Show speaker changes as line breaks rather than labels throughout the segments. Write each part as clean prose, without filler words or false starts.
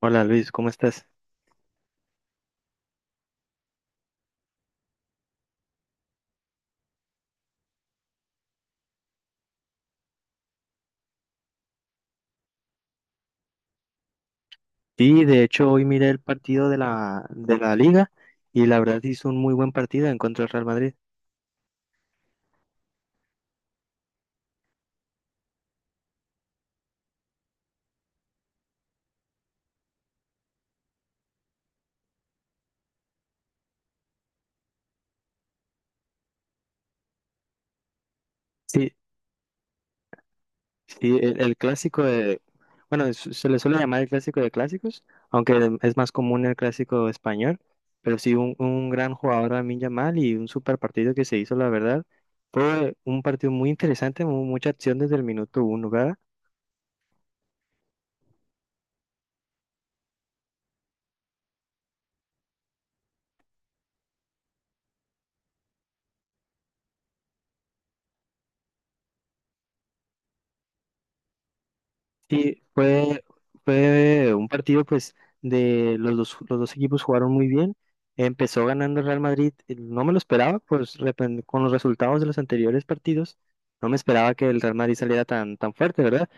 Hola Luis, ¿cómo estás? Sí, de hecho hoy miré el partido de la liga y la verdad hizo un muy buen partido en contra del Real Madrid. Sí, sí, el clásico de, bueno, se le suele llamar el clásico de clásicos, aunque es más común el clásico español, pero sí un gran jugador Lamine Yamal y un super partido que se hizo, la verdad. Fue un partido muy interesante, mucha acción desde el minuto uno, ¿verdad? Sí, fue un partido pues de los dos equipos jugaron muy bien. Empezó ganando el Real Madrid, no me lo esperaba, pues con los resultados de los anteriores partidos, no me esperaba que el Real Madrid saliera tan fuerte, ¿verdad?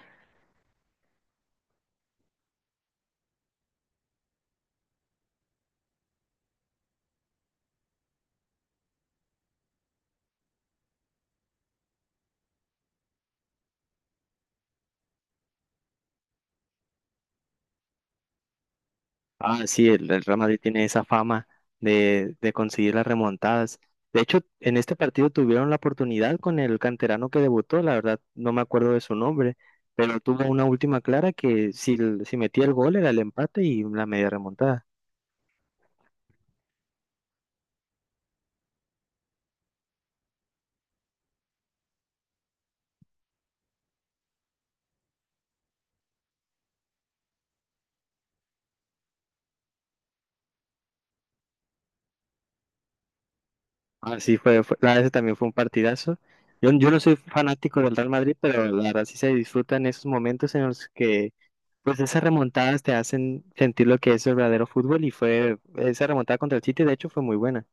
Ah, sí, el Real Madrid tiene esa fama de conseguir las remontadas. De hecho, en este partido tuvieron la oportunidad con el canterano que debutó, la verdad no me acuerdo de su nombre, pero tuvo una última clara que si metía el gol era el empate y la media remontada. Ah, sí, la verdad ese también fue un partidazo. Yo no soy fanático del Real Madrid, pero la verdad sí se disfrutan esos momentos en los que pues esas remontadas te hacen sentir lo que es el verdadero fútbol y fue esa remontada contra el City, de hecho, fue muy buena.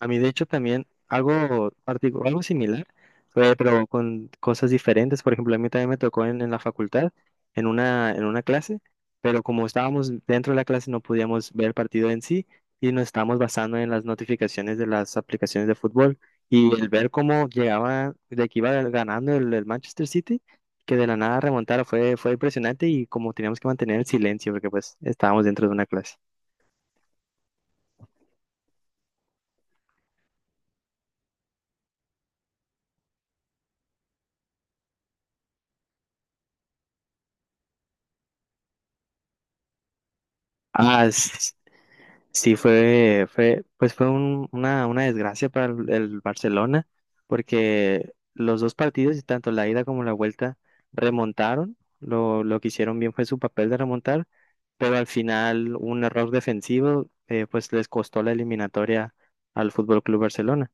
A mí, de hecho, también algo, algo similar, fue, pero con cosas diferentes. Por ejemplo, a mí también me tocó en la facultad, en en una clase, pero como estábamos dentro de la clase no podíamos ver el partido en sí y nos estábamos basando en las notificaciones de las aplicaciones de fútbol y el ver cómo llegaba, de que iba ganando el Manchester City, que de la nada remontara, fue impresionante y como teníamos que mantener el silencio porque pues estábamos dentro de una clase. Ah, sí, pues fue una desgracia para el Barcelona, porque los dos partidos, y tanto la ida como la vuelta, remontaron. Lo que hicieron bien fue su papel de remontar, pero al final un error defensivo, pues les costó la eliminatoria al Fútbol Club Barcelona.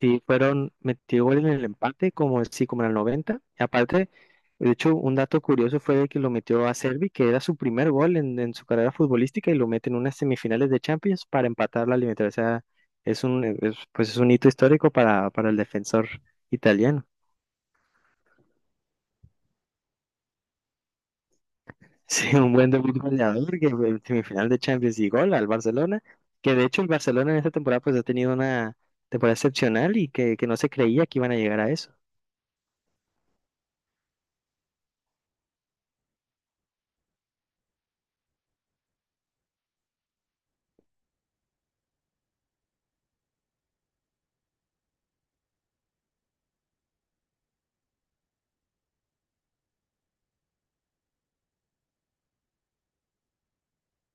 Sí, fueron, metió gol en el empate, como sí, como en el 90. Y aparte, de hecho, un dato curioso fue de que lo metió a Servi, que era su primer gol en su carrera futbolística, y lo mete en unas semifinales de Champions para empatar la eliminatoria. O sea, es un, pues es un hito histórico para el defensor italiano. Sí, un buen debut goleador que en semifinal de Champions y gol al Barcelona, que de hecho el Barcelona en esta temporada pues ha tenido una temporada excepcional y que no se creía que iban a llegar a eso.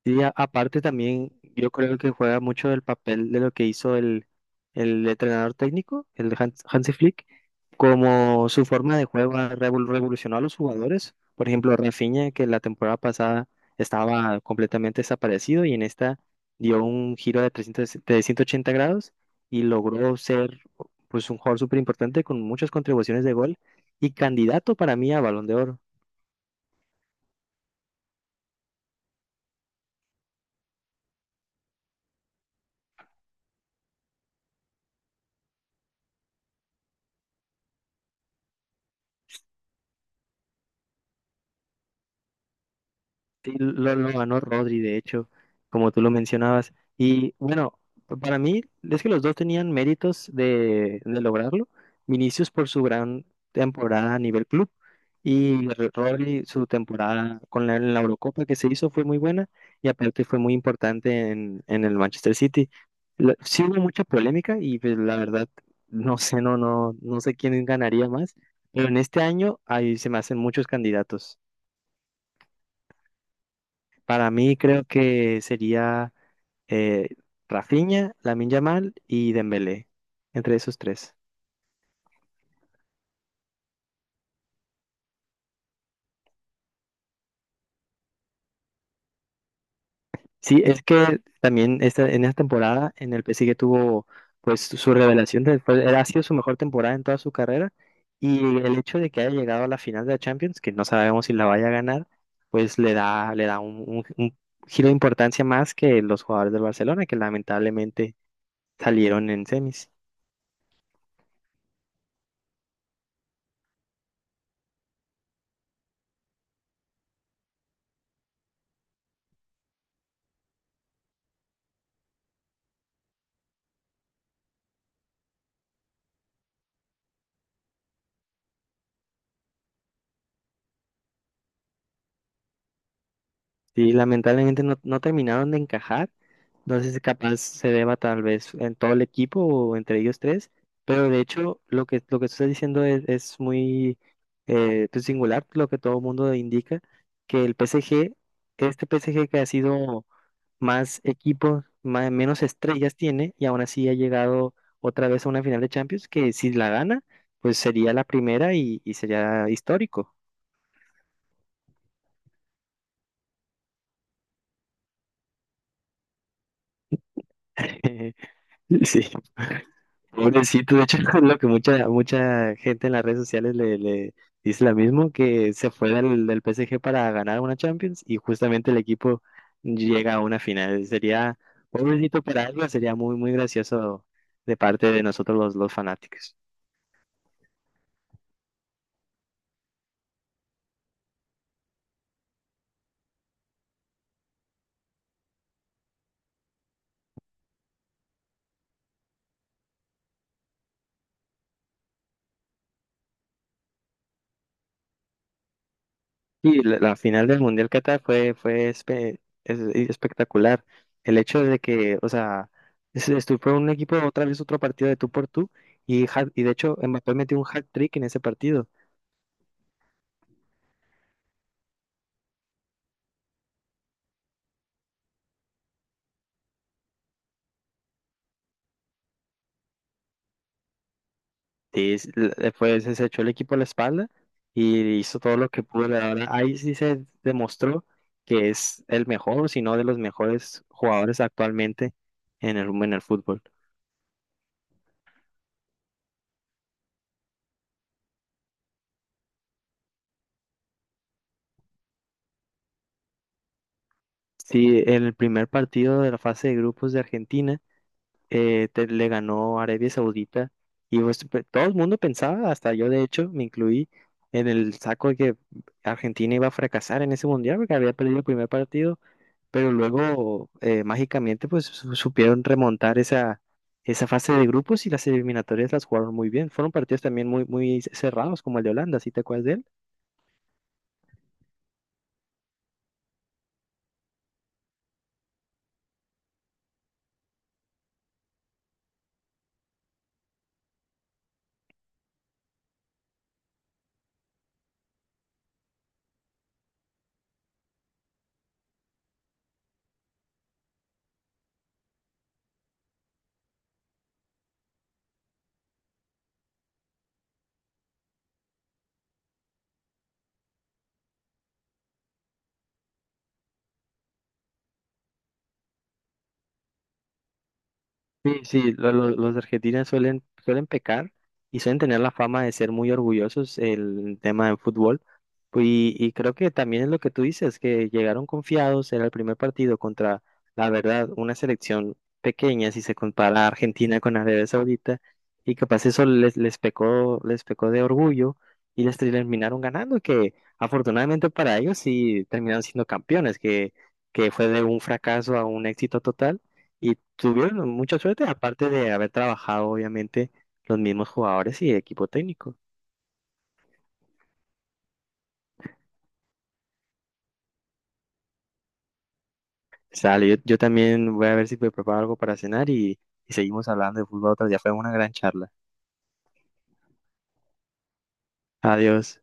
Y aparte también yo creo que juega mucho el papel de lo que hizo el entrenador técnico, el Hansi Flick, como su forma de juego ha revolucionó a los jugadores. Por ejemplo, Rafinha, que la temporada pasada estaba completamente desaparecido y en esta dio un giro de, 300 de 180 grados y logró ser pues un jugador súper importante con muchas contribuciones de gol y candidato para mí a Balón de Oro. Sí, lo ganó Rodri, de hecho, como tú lo mencionabas. Y bueno, para mí es que los dos tenían méritos de lograrlo. Vinicius por su gran temporada a nivel club y Rodri su temporada con la, en la Eurocopa que se hizo fue muy buena y aparte fue muy importante en el Manchester City. Sí hubo mucha polémica y pues la verdad no sé, no sé quién ganaría más, pero en este año ahí se me hacen muchos candidatos. Para mí creo que sería eh, Rafinha, Lamine Yamal y Dembélé, entre esos tres. Sí, es que también en esta temporada en el PSG tuvo pues su revelación, ha sido su mejor temporada en toda su carrera y el hecho de que haya llegado a la final de la Champions, que no sabemos si la vaya a ganar, pues le da un giro de importancia más que los jugadores del Barcelona, que lamentablemente salieron en semis. Sí, lamentablemente no, no terminaron de encajar. No sé si capaz se deba tal vez en todo el equipo o entre ellos tres, pero de hecho lo que tú estás diciendo es muy pues, singular, lo que todo el mundo indica, que el este PSG que ha sido más equipos, menos estrellas tiene y aún así ha llegado otra vez a una final de Champions, que si la gana, pues sería la primera y sería histórico. Sí. Pobrecito, de hecho, es lo que mucha gente en las redes sociales le dice lo mismo, que se fue del PSG para ganar una Champions y justamente el equipo llega a una final. Sería, pobrecito para algo, sería muy gracioso de parte de nosotros los fanáticos. Y la final del Mundial Qatar fue espectacular. El hecho de que, o sea, se fue un equipo otra vez otro partido de tú por tú y, y de hecho Mbappé metió un hat-trick en ese partido. Sí, después se echó el equipo a la espalda y hizo todo lo que pudo. La verdad, ahí sí se demostró que es el mejor, si no de los mejores jugadores actualmente en en el fútbol. Sí, en el primer partido de la fase de grupos de Argentina le ganó Arabia Saudita y pues, todo el mundo pensaba, hasta yo de hecho me incluí en el saco de que Argentina iba a fracasar en ese mundial porque había perdido el primer partido. Pero luego mágicamente pues supieron remontar esa fase de grupos y las eliminatorias las jugaron muy bien. Fueron partidos también muy cerrados, como el de Holanda, ¿sí te acuerdas de él? Sí, sí, los argentinos suelen pecar y suelen tener la fama de ser muy orgullosos el tema de fútbol. Y creo que también es lo que tú dices, que llegaron confiados, era el primer partido contra, la verdad, una selección pequeña si se compara a Argentina con Arabia Saudita, y capaz eso les, les pecó de orgullo y les terminaron ganando, que afortunadamente para ellos sí terminaron siendo campeones, que fue de un fracaso a un éxito total, y tuvieron mucha suerte, aparte de haber trabajado, obviamente, los mismos jugadores y equipo técnico. Sale, yo también voy a ver si me preparo algo para cenar y seguimos hablando de fútbol otro día. Fue una gran charla. Adiós.